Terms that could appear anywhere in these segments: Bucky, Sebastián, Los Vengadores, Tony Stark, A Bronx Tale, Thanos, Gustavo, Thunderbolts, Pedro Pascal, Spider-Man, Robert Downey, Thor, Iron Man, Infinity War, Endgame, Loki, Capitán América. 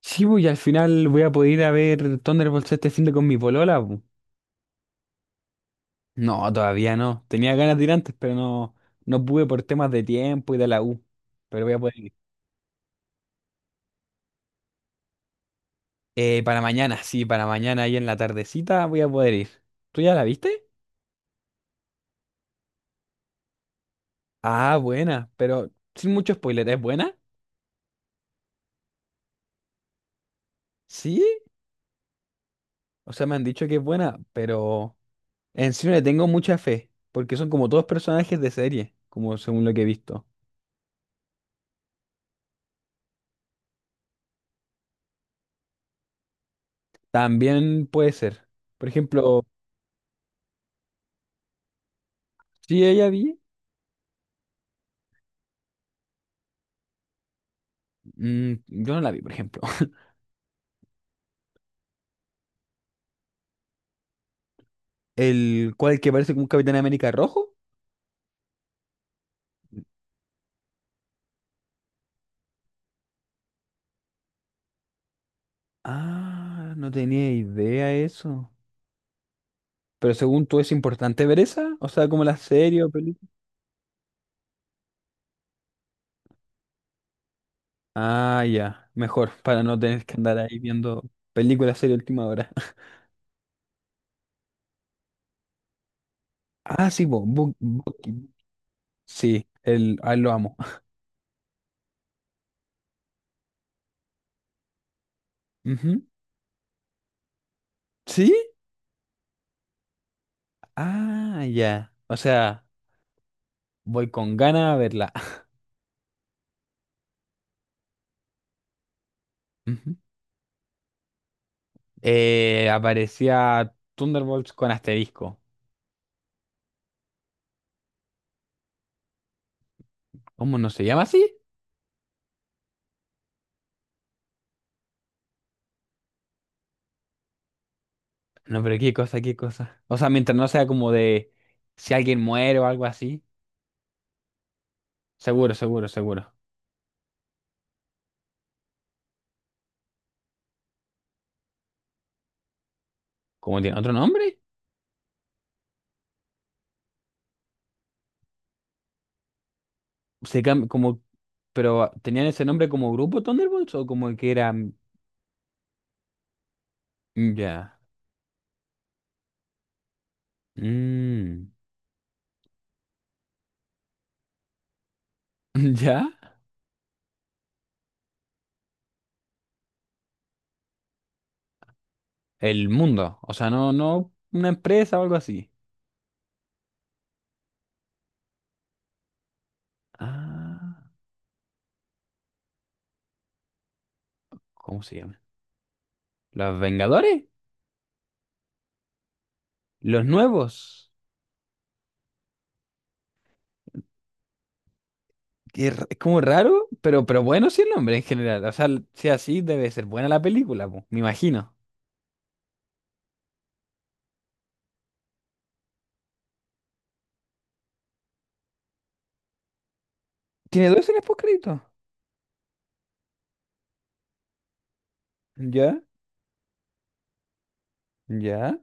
Sí, pues, y al final voy a poder ir a ver Thunderbolts este fin de con mi polola, pues. No, todavía no. Tenía ganas de ir antes, pero no, no pude por temas de tiempo y de la U. Pero voy a poder ir. Para mañana, sí, para mañana ahí en la tardecita voy a poder ir. ¿Tú ya la viste? Ah, buena, pero sin mucho spoiler, ¿es buena? Sí, o sea, me han dicho que es buena, pero en sí no le tengo mucha fe, porque son como todos personajes de serie, como según lo que he visto. También puede ser. Por ejemplo, sí, ella vi. Yo no la vi, por ejemplo. ¿El cual que parece como un Capitán América rojo? Ah, no tenía idea eso. Pero según tú, ¿es importante ver esa? O sea, como la serie o película. Ah, ya, mejor, para no tener que andar ahí viendo películas, serie última hora. Ah, sí, Bucky. Sí, a él lo amo. Ujú. ¿Sí? Ah, ya. O sea, voy con ganas a verla. Ujú. Aparecía Thunderbolts con asterisco. ¿Cómo no se llama así? No, pero qué cosa, qué cosa. O sea, mientras no sea como de si alguien muere o algo así. Seguro, seguro, seguro. ¿Cómo tiene otro nombre? Como, pero ¿tenían ese nombre como grupo Thunderbolts o como que era ¿ya? Mm, ¿ya? El mundo. O sea, no, no una empresa o algo así. Ah, ¿cómo se llama? ¿Los Vengadores? ¿Los nuevos? Es como raro, pero bueno sí el nombre en general. O sea, si así debe ser buena la película, po, me imagino. Tiene dos escenas postcréditos. Ya, ya.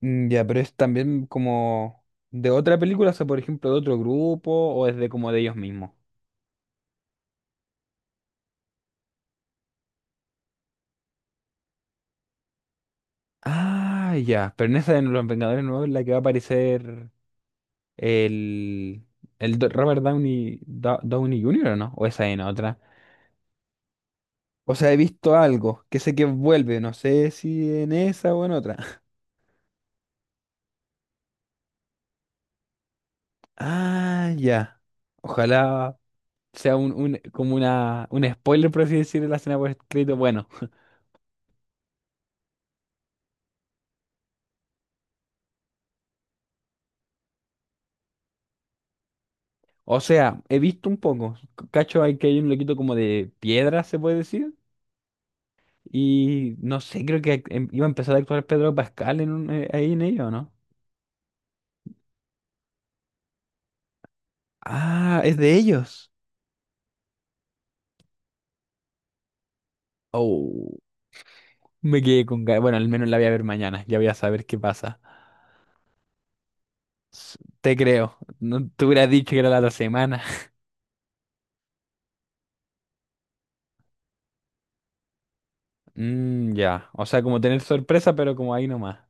Mm, ya, pero es también como de otra película, o sea, por ejemplo, de otro grupo, o es de como de ellos mismos. Ah, ya. Pero en esa de Los Vengadores Nuevos es la que va a aparecer el, el Robert Downey, Downey Jr., ¿o no? O esa en otra. O sea, he visto algo que sé que vuelve, no sé si en esa o en otra. Ah, ya. Ojalá sea un, un spoiler, por así decirlo, de la escena post-crédito. Bueno. O sea, he visto un poco. Cacho, hay que hay un loquito como de piedra, se puede decir. Y no sé, creo que iba a empezar a actuar Pedro Pascal en ahí en ello, ¿no? Ah, es de ellos. Oh, me quedé con ganas. Bueno, al menos la voy a ver mañana. Ya voy a saber qué pasa. Te creo. No te hubiera dicho que era la otra semana. Mm, ya. O sea, como tener sorpresa, pero como ahí nomás.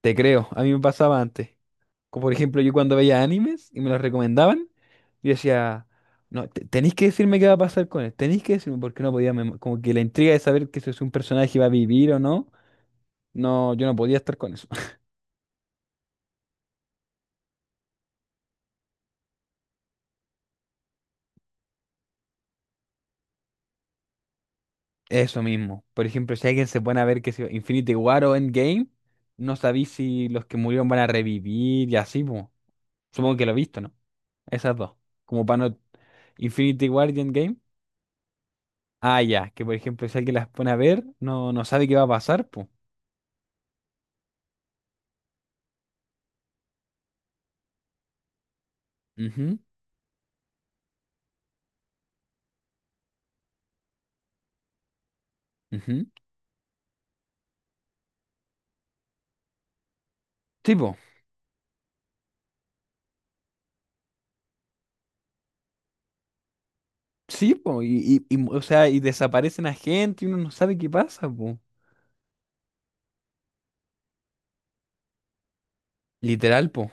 Te creo. A mí me pasaba antes. Como por ejemplo, yo cuando veía animes y me los recomendaban, yo decía, no, tenéis que decirme qué va a pasar con él, tenéis que decirme porque no podía, como que la intriga de saber que si es un personaje va a vivir o no, no, yo no podía estar con eso. Eso mismo. Por ejemplo, si alguien se pone a ver que si Infinity War o Endgame, no sabéis si los que murieron van a revivir y así, po. Supongo que lo he visto, ¿no? Esas dos. Como para no... Infinity War y Endgame. Ah, ya, que por ejemplo, si alguien las pone a ver, no, no sabe qué va a pasar, pues. Sí, po. Sí, po. Y, o sea, y desaparecen a gente y uno no sabe qué pasa, po. Literal, po.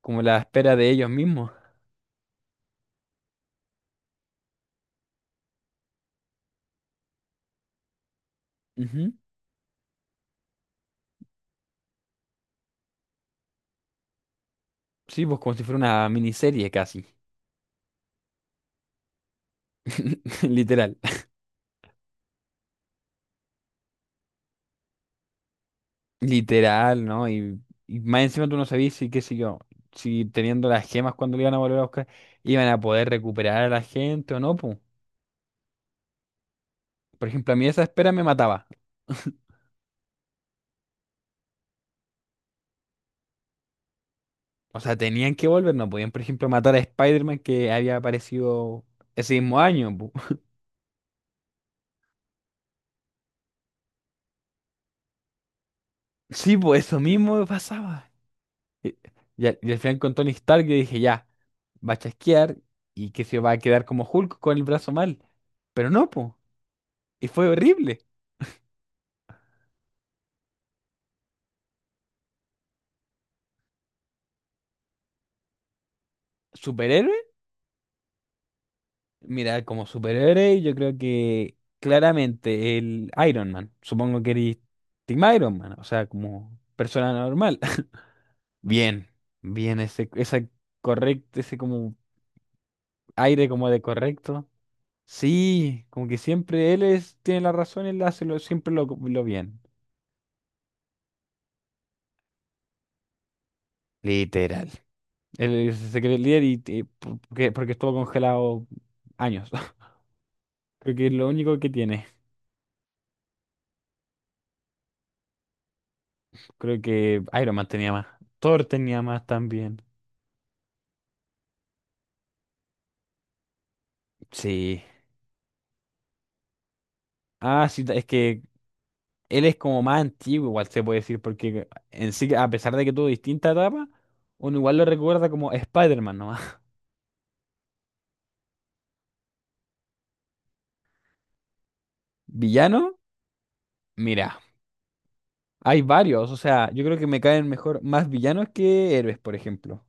Como la espera de ellos mismos. Ujú. Sí, pues como si fuera una miniserie casi. Literal. Literal, ¿no? Y más encima tú no sabías si, qué sé yo, si teniendo las gemas cuando le iban a volver a buscar, iban a poder recuperar a la gente o no, po. Por ejemplo, a mí esa espera me mataba. O sea, tenían que volver, no podían, por ejemplo, matar a Spider-Man que había aparecido ese mismo año, sí, pues eso mismo me pasaba. Y, y al final con Tony Stark yo dije, ya, va a chasquear y que se va a quedar como Hulk con el brazo mal. Pero no, pues. Y fue horrible. ¿Superhéroe? Mira, como superhéroe yo creo que claramente el Iron Man. Supongo que eres Team Iron Man, o sea, como persona normal. Bien, bien, ese, esa correcto, ese como aire como de correcto. Sí, como que siempre él es, tiene la razón, él hace lo, siempre lo bien. Literal. Él se cree el líder y, y porque estuvo congelado años. Creo que es lo único que tiene. Creo que Iron Man tenía más. Thor tenía más también. Sí. Ah, sí, es que él es como más antiguo, igual se puede decir, porque en sí, a pesar de que tuvo distintas etapas, uno igual lo recuerda como Spider-Man nomás. Villano, mira. Hay varios, o sea, yo creo que me caen mejor más villanos que héroes, por ejemplo.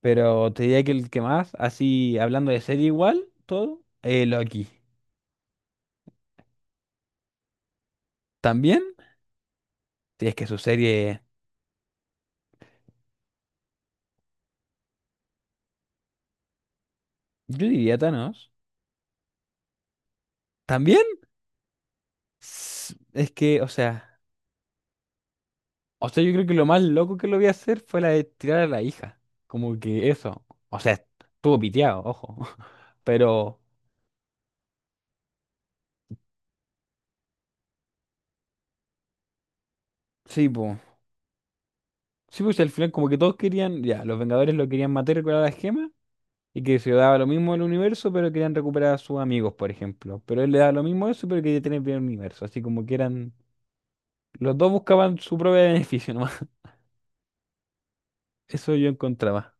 Pero te diría que el que más, así hablando de serie igual, todo, Loki. También, si es que su serie, yo diría Thanos. También, es que, o sea, yo creo que lo más loco que lo vi hacer fue la de tirar a la hija. Como que eso, o sea, estuvo piteado, ojo. Pero, sí, pues, sí, pues al final como que todos querían, ya, los Vengadores lo querían matar con la gema. Y que se daba lo mismo el universo, pero querían recuperar a sus amigos, por ejemplo. Pero él le daba lo mismo eso, pero quería tener bien el universo. Así como que eran. Los dos buscaban su propio beneficio nomás. Eso yo encontraba.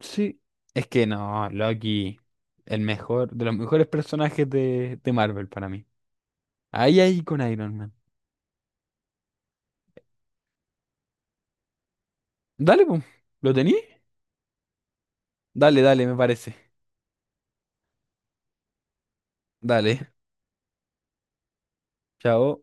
Sí. Es que no, Loki, el mejor, de los mejores personajes de, Marvel para mí. Ahí, ahí con Iron Man. Dale, pum. ¿Lo tení? Dale, dale, me parece. Dale. Chao.